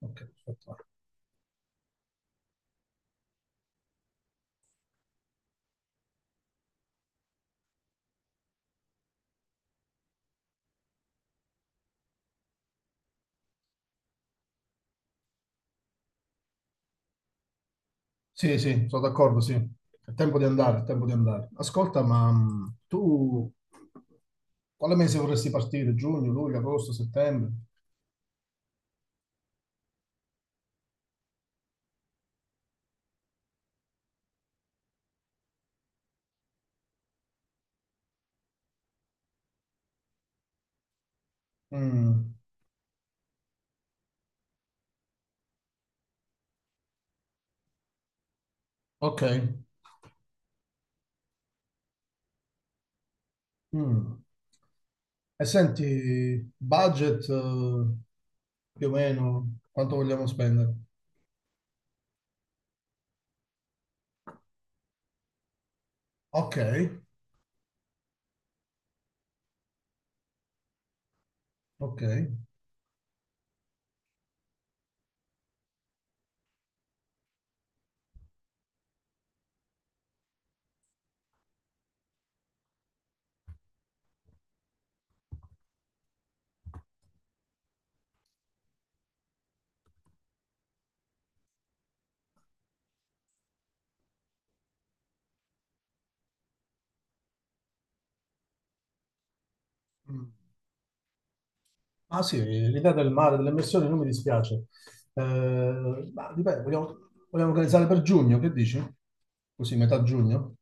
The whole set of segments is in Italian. Ok, perfetto. Sì, sì, sono d'accordo, sì. È tempo di andare, è tempo di andare. Ascolta, ma tu quale mese vorresti partire? Giugno, luglio, agosto, settembre? Mm, ok. Mm. E senti, budget, più o meno quanto vogliamo spendere? Ok, ok. Mm. Ah sì, l'idea del mare, delle immersioni non mi dispiace. Ma dipende, vogliamo organizzare per giugno, che dici? Così, metà giugno?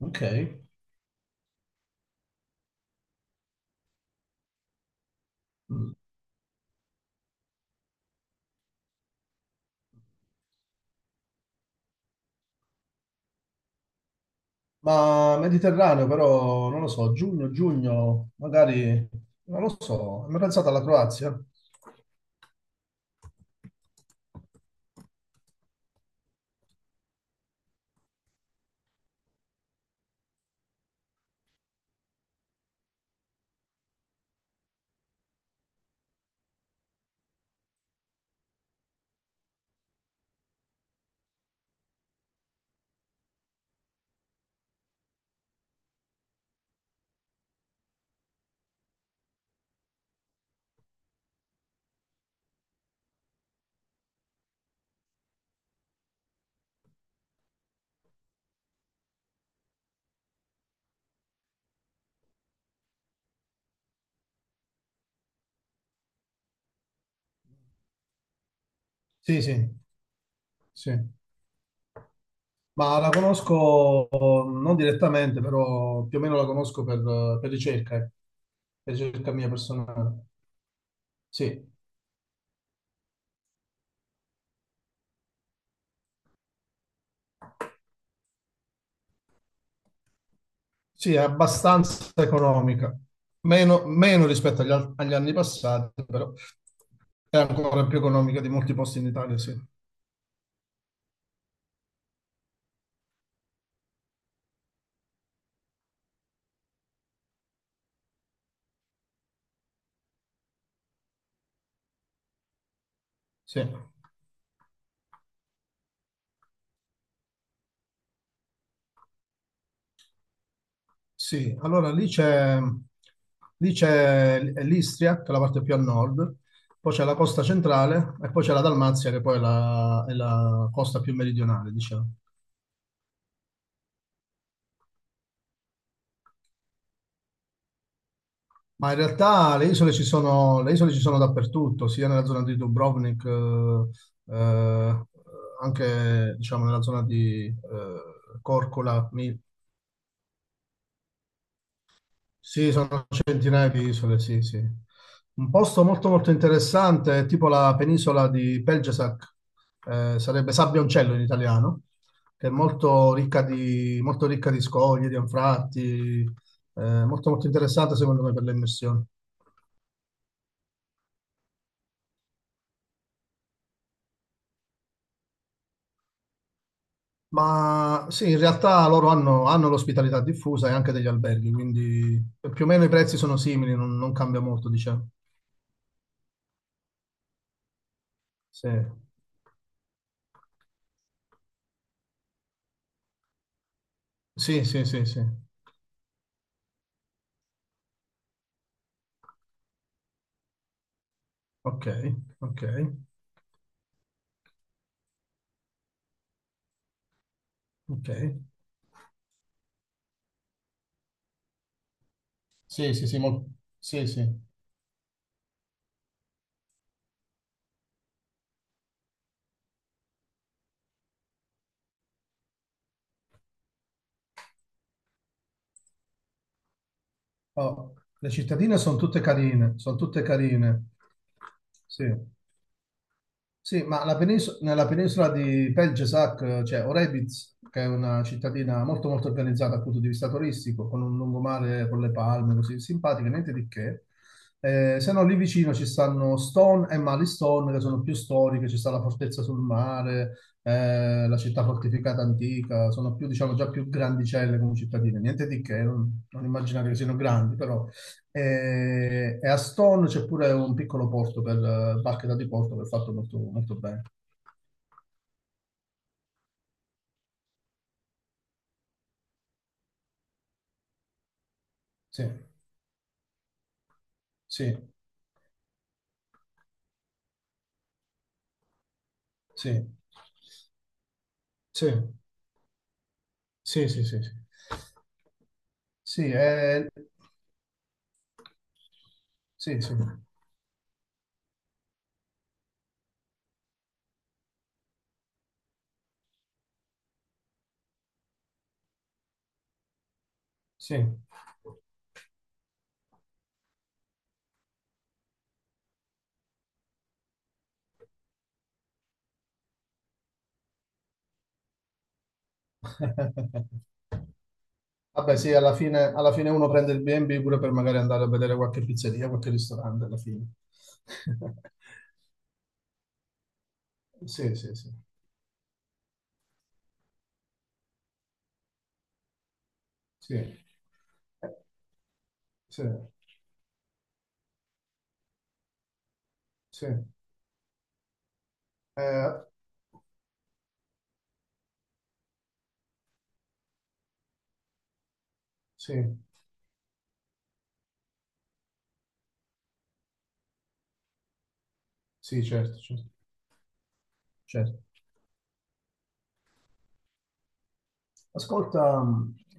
Ok. Mm. Ma Mediterraneo però, non lo so, giugno, giugno, magari, non lo so, mi pensato alla Croazia? Sì, sì, sì. Ma la conosco non direttamente, però più o meno la conosco per ricerca, eh, per ricerca mia personale. Sì, sì, è abbastanza economica, meno rispetto agli anni passati, però è ancora più economica di molti posti in Italia, sì. Sì, sì, allora lì c'è l'Istria, che è la parte più a nord, poi c'è la costa centrale e poi c'è la Dalmazia, che poi è la costa più meridionale, diciamo. Ma in realtà le isole ci sono, le isole ci sono dappertutto, sia nella zona di Dubrovnik, eh, anche diciamo, nella zona di Korčula, Sì, sono centinaia di isole, sì, sì. Un posto molto molto interessante, è tipo la penisola di Pelgesac, sarebbe Sabbioncello in italiano, che è molto ricca di scogli, di anfratti, molto molto interessante secondo me per le immersioni. Ma sì, in realtà loro hanno l'ospitalità diffusa e anche degli alberghi, quindi più o meno i prezzi sono simili, non cambia molto, diciamo. Sì, sì, sì, sì, sì. Ok, ok, ok. Sì, sì, sì, sì, sì. Oh, le cittadine sono tutte carine, sono tutte carine. Sì. Sì, ma nella penisola di Pelješac c'è Orebić, che è una cittadina molto molto organizzata dal punto di vista turistico, con un lungomare con le palme, così simpatiche, niente di che. Se no, lì vicino ci stanno Stone e Malistone, che sono più storiche, ci sta la fortezza sul mare, la città fortificata antica, sono più, diciamo, già più grandicelle come cittadine, niente di che, non immaginate che siano grandi, però e a Stone c'è pure un piccolo porto per barche da diporto che è fatto molto, molto bene. Sì, sì, sì, sì, sì, sì, sì, sì, sì, sì, sì, sì. Vabbè, sì, alla fine uno prende il B&B pure per magari andare a vedere qualche pizzeria, qualche ristorante alla fine. Sì, sì, sì, sì, sì, sì. Eh, sì, sì, certo, certo, certo. Ascolta,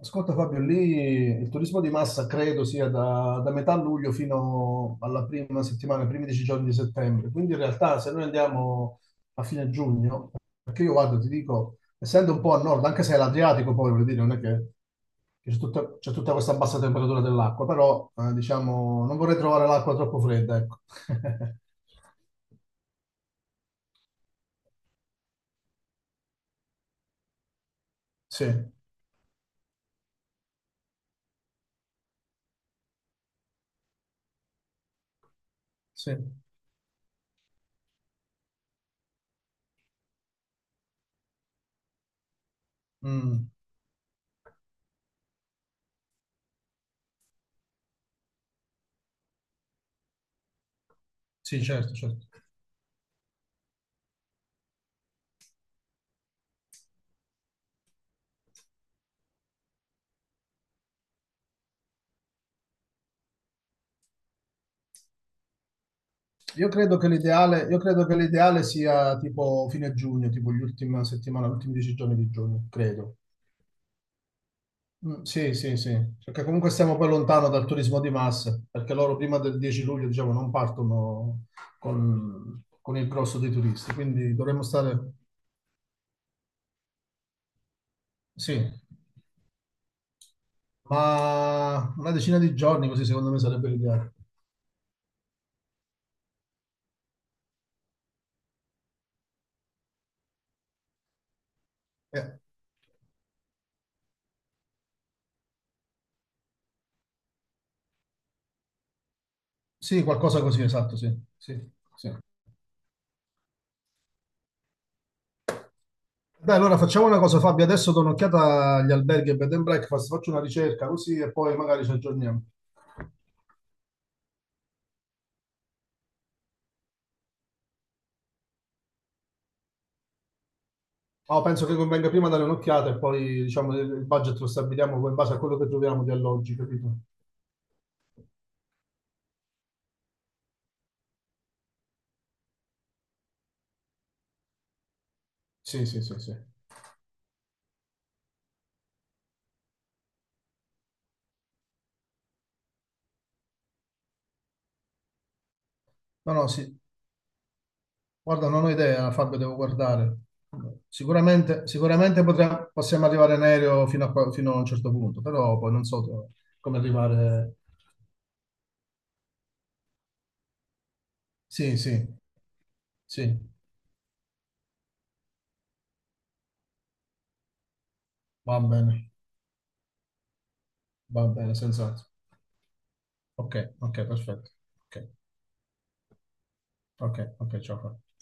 ascolta Fabio, lì il turismo di massa credo sia da metà luglio fino alla prima settimana, i primi dieci giorni di settembre. Quindi in realtà se noi andiamo a fine giugno, perché io vado, ti dico, essendo un po' a nord, anche se è l'Adriatico poi, voglio dire, non è che c'è tutta questa bassa temperatura dell'acqua, però diciamo non vorrei trovare l'acqua troppo fredda, ecco. Sì, sì. Mm, sì, certo, certo. Io credo che l'ideale sia tipo fine giugno, tipo gli ultimi dieci giorni di giugno, credo. Mm, sì, sì, sì, perché comunque stiamo poi lontano dal turismo di massa, perché loro prima del 10 luglio, diciamo, non partono con il grosso dei turisti, quindi dovremmo stare, sì, ma una decina di giorni così secondo me sarebbe l'ideale. Eh, sì, qualcosa così, esatto, sì, sì, sì. Dai, allora facciamo una cosa, Fabio. Adesso do un'occhiata agli alberghi e bed and breakfast, faccio una ricerca così e poi magari ci aggiorniamo. Ma penso che convenga prima dare un'occhiata e poi diciamo il budget lo stabiliamo poi in base a quello che troviamo di alloggi, capito? Sì, sì, sì, sì. No, no, sì. Guarda, non ho idea, Fabio, devo guardare. Sicuramente possiamo arrivare in aereo fino a un certo punto, però poi non so come arrivare. Sì, sì, sì, va bene, va bene, senz'altro. Ok, ok, perfetto. Ok, ok, ok, ciao. Fra.